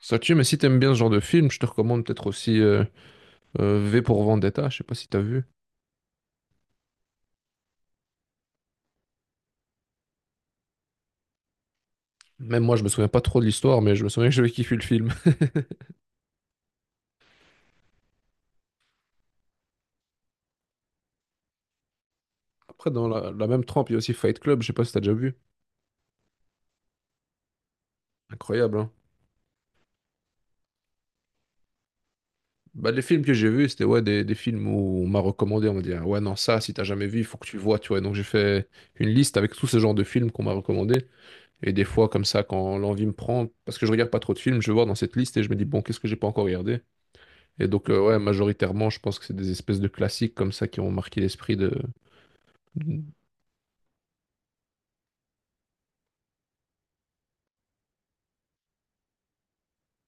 Ça tue, mais si t'aimes bien ce genre de film, je te recommande peut-être aussi V pour Vendetta, je sais pas si t'as vu. Même moi, je me souviens pas trop de l'histoire, mais je me souviens que j'avais kiffé le film. Après, dans la même trempe, il y a aussi Fight Club, je sais pas si t'as déjà vu. Incroyable, hein. Bah, les films que j'ai vus, c'était ouais, des films où on m'a recommandé, on m'a dit, ah ouais, non, ça, si t'as jamais vu, il faut que tu vois, tu vois. Et donc j'ai fait une liste avec tous ces genres de films qu'on m'a recommandés. Et des fois, comme ça, quand l'envie me prend, parce que je regarde pas trop de films, je vais voir dans cette liste et je me dis, bon, qu'est-ce que j'ai pas encore regardé? Et donc, ouais, majoritairement, je pense que c'est des espèces de classiques comme ça qui ont marqué l'esprit de... de-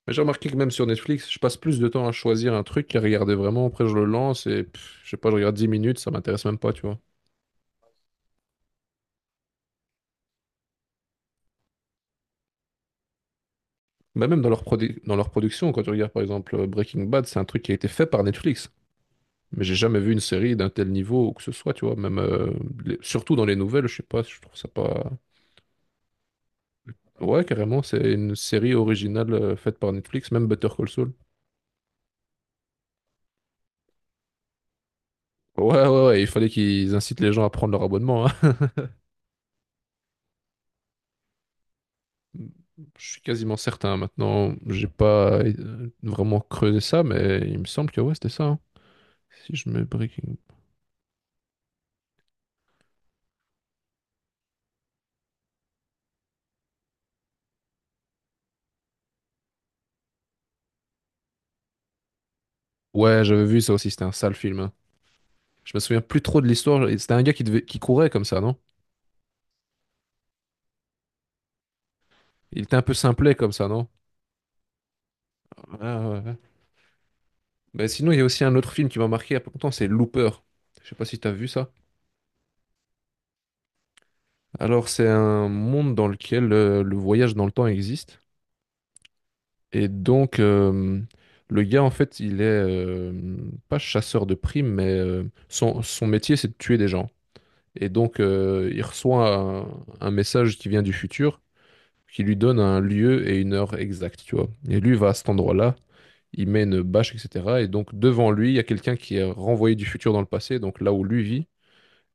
Mais j'ai remarqué que même sur Netflix, je passe plus de temps à choisir un truc qu'à regarder vraiment. Après, je le lance et pff, je sais pas, je regarde 10 minutes, ça m'intéresse même pas, tu vois. Mais même dans leur dans leur production, quand tu regardes par exemple Breaking Bad, c'est un truc qui a été fait par Netflix. Mais j'ai jamais vu une série d'un tel niveau ou que ce soit, tu vois. Même, surtout dans les nouvelles, je sais pas, je trouve ça pas... Ouais, carrément, c'est une série originale faite par Netflix, même Better Call Saul. Ouais, ouais, ouais, ouais, il fallait qu'ils incitent les gens à prendre leur abonnement, hein. Je suis quasiment certain. Maintenant, j'ai pas vraiment creusé ça, mais il me semble que ouais, c'était ça, hein. Si je mets Breaking. Ouais, j'avais vu ça aussi, c'était un sale film, hein. Je me souviens plus trop de l'histoire. C'était un gars qui, devait... qui courait comme ça, non? Il était un peu simplet comme ça, non? Ouais, ouais, ouais. Ben, sinon, il y a aussi un autre film qui m'a marqué il y a pas longtemps, c'est Looper. Je sais pas si t'as vu ça. Alors, c'est un monde dans lequel le voyage dans le temps existe. Et donc, le gars, en fait, il est pas chasseur de primes, mais son métier, c'est de tuer des gens. Et donc, il reçoit un message qui vient du futur, qui lui donne un lieu et une heure exacte, tu vois. Et lui va à cet endroit-là, il met une bâche, etc. Et donc, devant lui, il y a quelqu'un qui est renvoyé du futur dans le passé, donc là où lui vit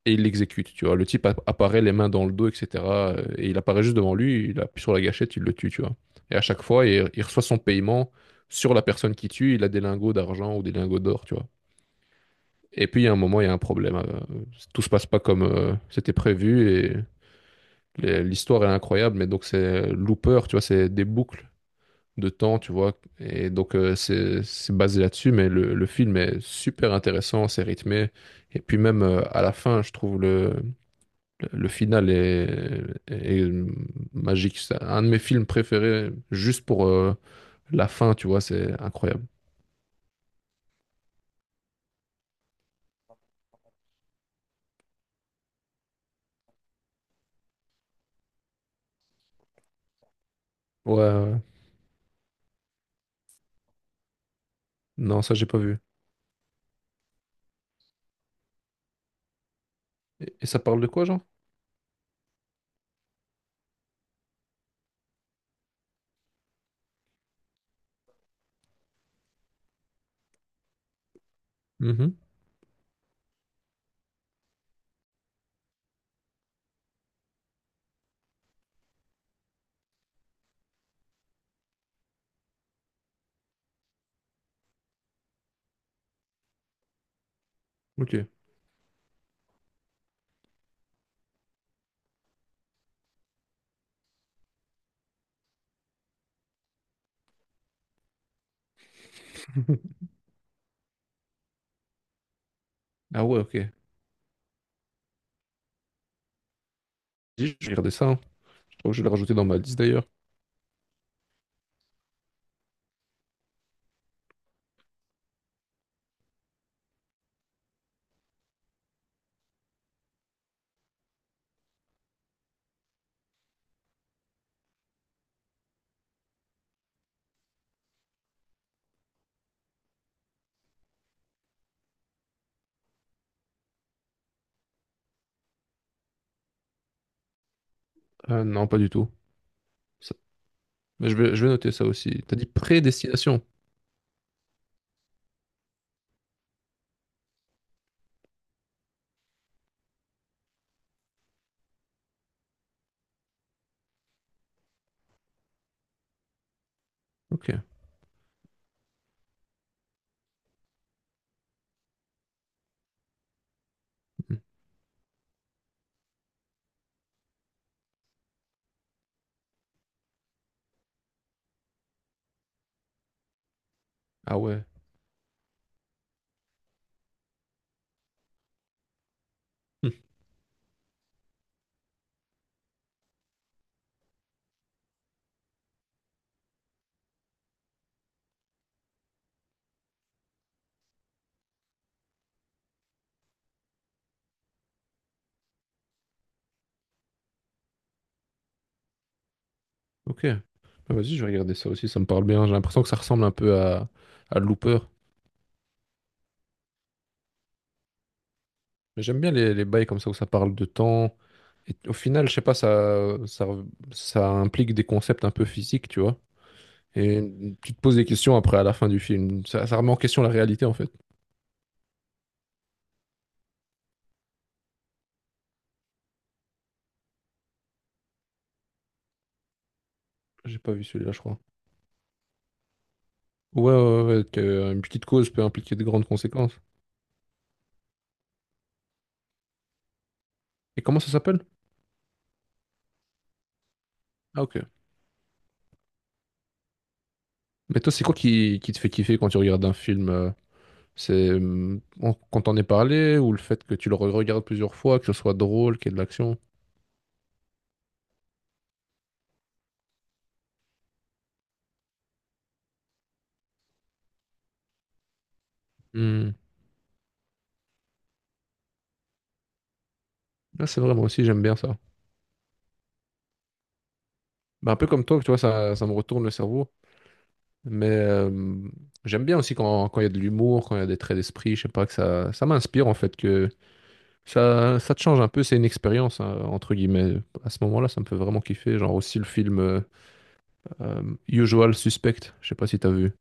et il l'exécute, tu vois. Le type apparaît les mains dans le dos, etc. Et il apparaît juste devant lui, il appuie sur la gâchette, il le tue, tu vois. Et à chaque fois, il reçoit son paiement sur la personne qui tue, il a des lingots d'argent ou des lingots d'or, tu vois. Et puis, il y a un moment, il y a un problème. Tout se passe pas comme c'était prévu et l'histoire est incroyable, mais donc c'est looper, tu vois, c'est des boucles de temps, tu vois. Et donc, c'est basé là-dessus, mais le film est super intéressant, c'est rythmé. Et puis même à la fin, je trouve le final est, est magique. C'est un de mes films préférés, juste pour la fin, tu vois, c'est incroyable. Ouais, ouais. Non, ça, j'ai pas vu. Et ça parle de quoi, genre? Mhm. Ok. Ah ouais, ok. Dis, je vais regarder ça, hein. Je crois que je vais le rajouter dans ma liste d'ailleurs. Non, pas du tout. Ça- Mais je vais noter ça aussi. T'as dit prédestination. Ok. Mhm. Ah ouais. Hmm. Ok. Bah, vas-y, je vais regarder ça aussi. Ça me parle bien. J'ai l'impression que ça ressemble un peu à Looper. Mais j'aime bien les bails comme ça où ça parle de temps. Et au final, je sais pas, ça implique des concepts un peu physiques, tu vois. Et tu te poses des questions après à la fin du film. Ça remet en question la réalité, en fait. J'ai pas vu celui-là, je crois. Ouais, ouais, ouais, qu'une petite cause peut impliquer de grandes conséquences. Et comment ça s'appelle? Ah, ok. Mais toi, c'est quoi qui te fait kiffer quand tu regardes un film? C'est quand t'en est parlé ou le fait que tu le regardes plusieurs fois, que ce soit drôle, qu'il y ait de l'action? Hmm. Ah, c'est vrai, moi aussi, j'aime bien ça. Bah, un peu comme toi, tu vois, ça me retourne le cerveau. Mais j'aime bien aussi quand, quand il y a de l'humour, quand il y a des traits d'esprit, je sais pas, que ça m'inspire en fait, que ça te change un peu, c'est une expérience, hein, entre guillemets. À ce moment-là, ça me fait vraiment kiffer. Genre aussi le film euh, Usual Suspect, je sais pas si t'as vu.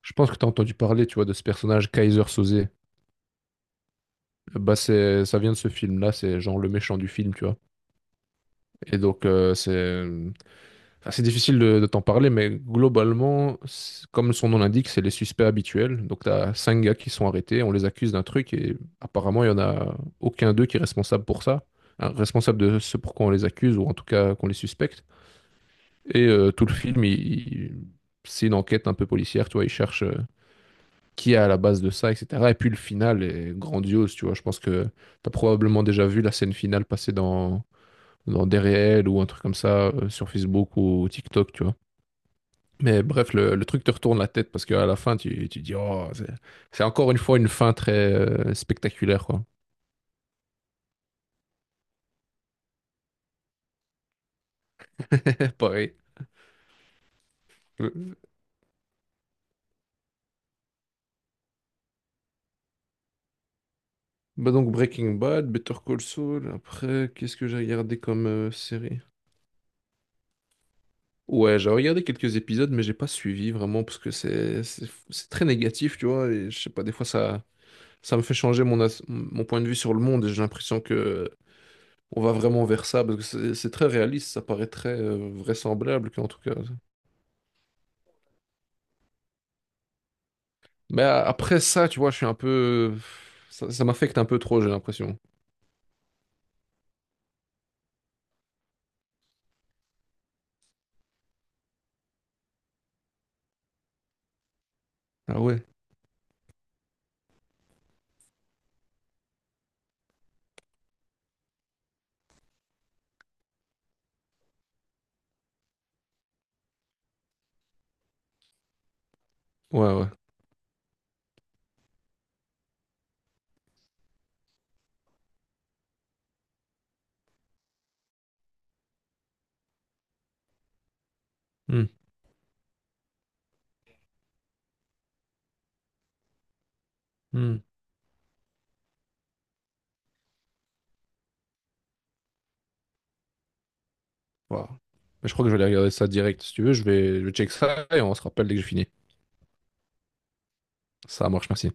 Je pense que t'as entendu parler, tu vois, de ce personnage Kaiser Soze. Bah c'est, ça vient de ce film-là, c'est genre le méchant du film, tu vois. Et donc enfin, c'est difficile de t'en parler, mais globalement, c'est- comme son nom l'indique, c'est les suspects habituels. Donc, tu as cinq gars qui sont arrêtés, on les accuse d'un truc, et apparemment, il n'y en a aucun d'eux qui est responsable pour ça, hein, responsable de ce pourquoi on les accuse, ou en tout cas qu'on les suspecte. Et tout le film, il- c'est une enquête un peu policière, tu vois, il cherche qui est à la base de ça, etc. Et puis, le final est grandiose, tu vois. Je pense que tu as probablement déjà vu la scène finale passer dans des réels ou un truc comme ça, sur Facebook ou TikTok, tu vois. Mais bref, le truc te retourne la tête parce qu'à la fin, tu dis, oh, c'est encore une fois une fin très spectaculaire, quoi. C'est pareil. Euh, Bah donc Breaking Bad, Better Call Saul, après, qu'est-ce que j'ai regardé comme série? Ouais, j'ai regardé quelques épisodes, mais j'ai pas suivi vraiment parce que c'est très négatif, tu vois, et je sais pas, des fois ça me fait changer mon mon point de vue sur le monde et j'ai l'impression que on va vraiment vers ça parce que c'est très réaliste, ça paraît très vraisemblable qu'en tout cas mais après ça, tu vois, je suis un peu. Ça m'affecte un peu trop, j'ai l'impression. Ah ouais? Ouais, ouais. Hmm, hmm. Wow. Mais je crois que je vais aller regarder ça direct. Si tu veux, je vais check ça et on se rappelle dès que j'ai fini. Ça marche, merci.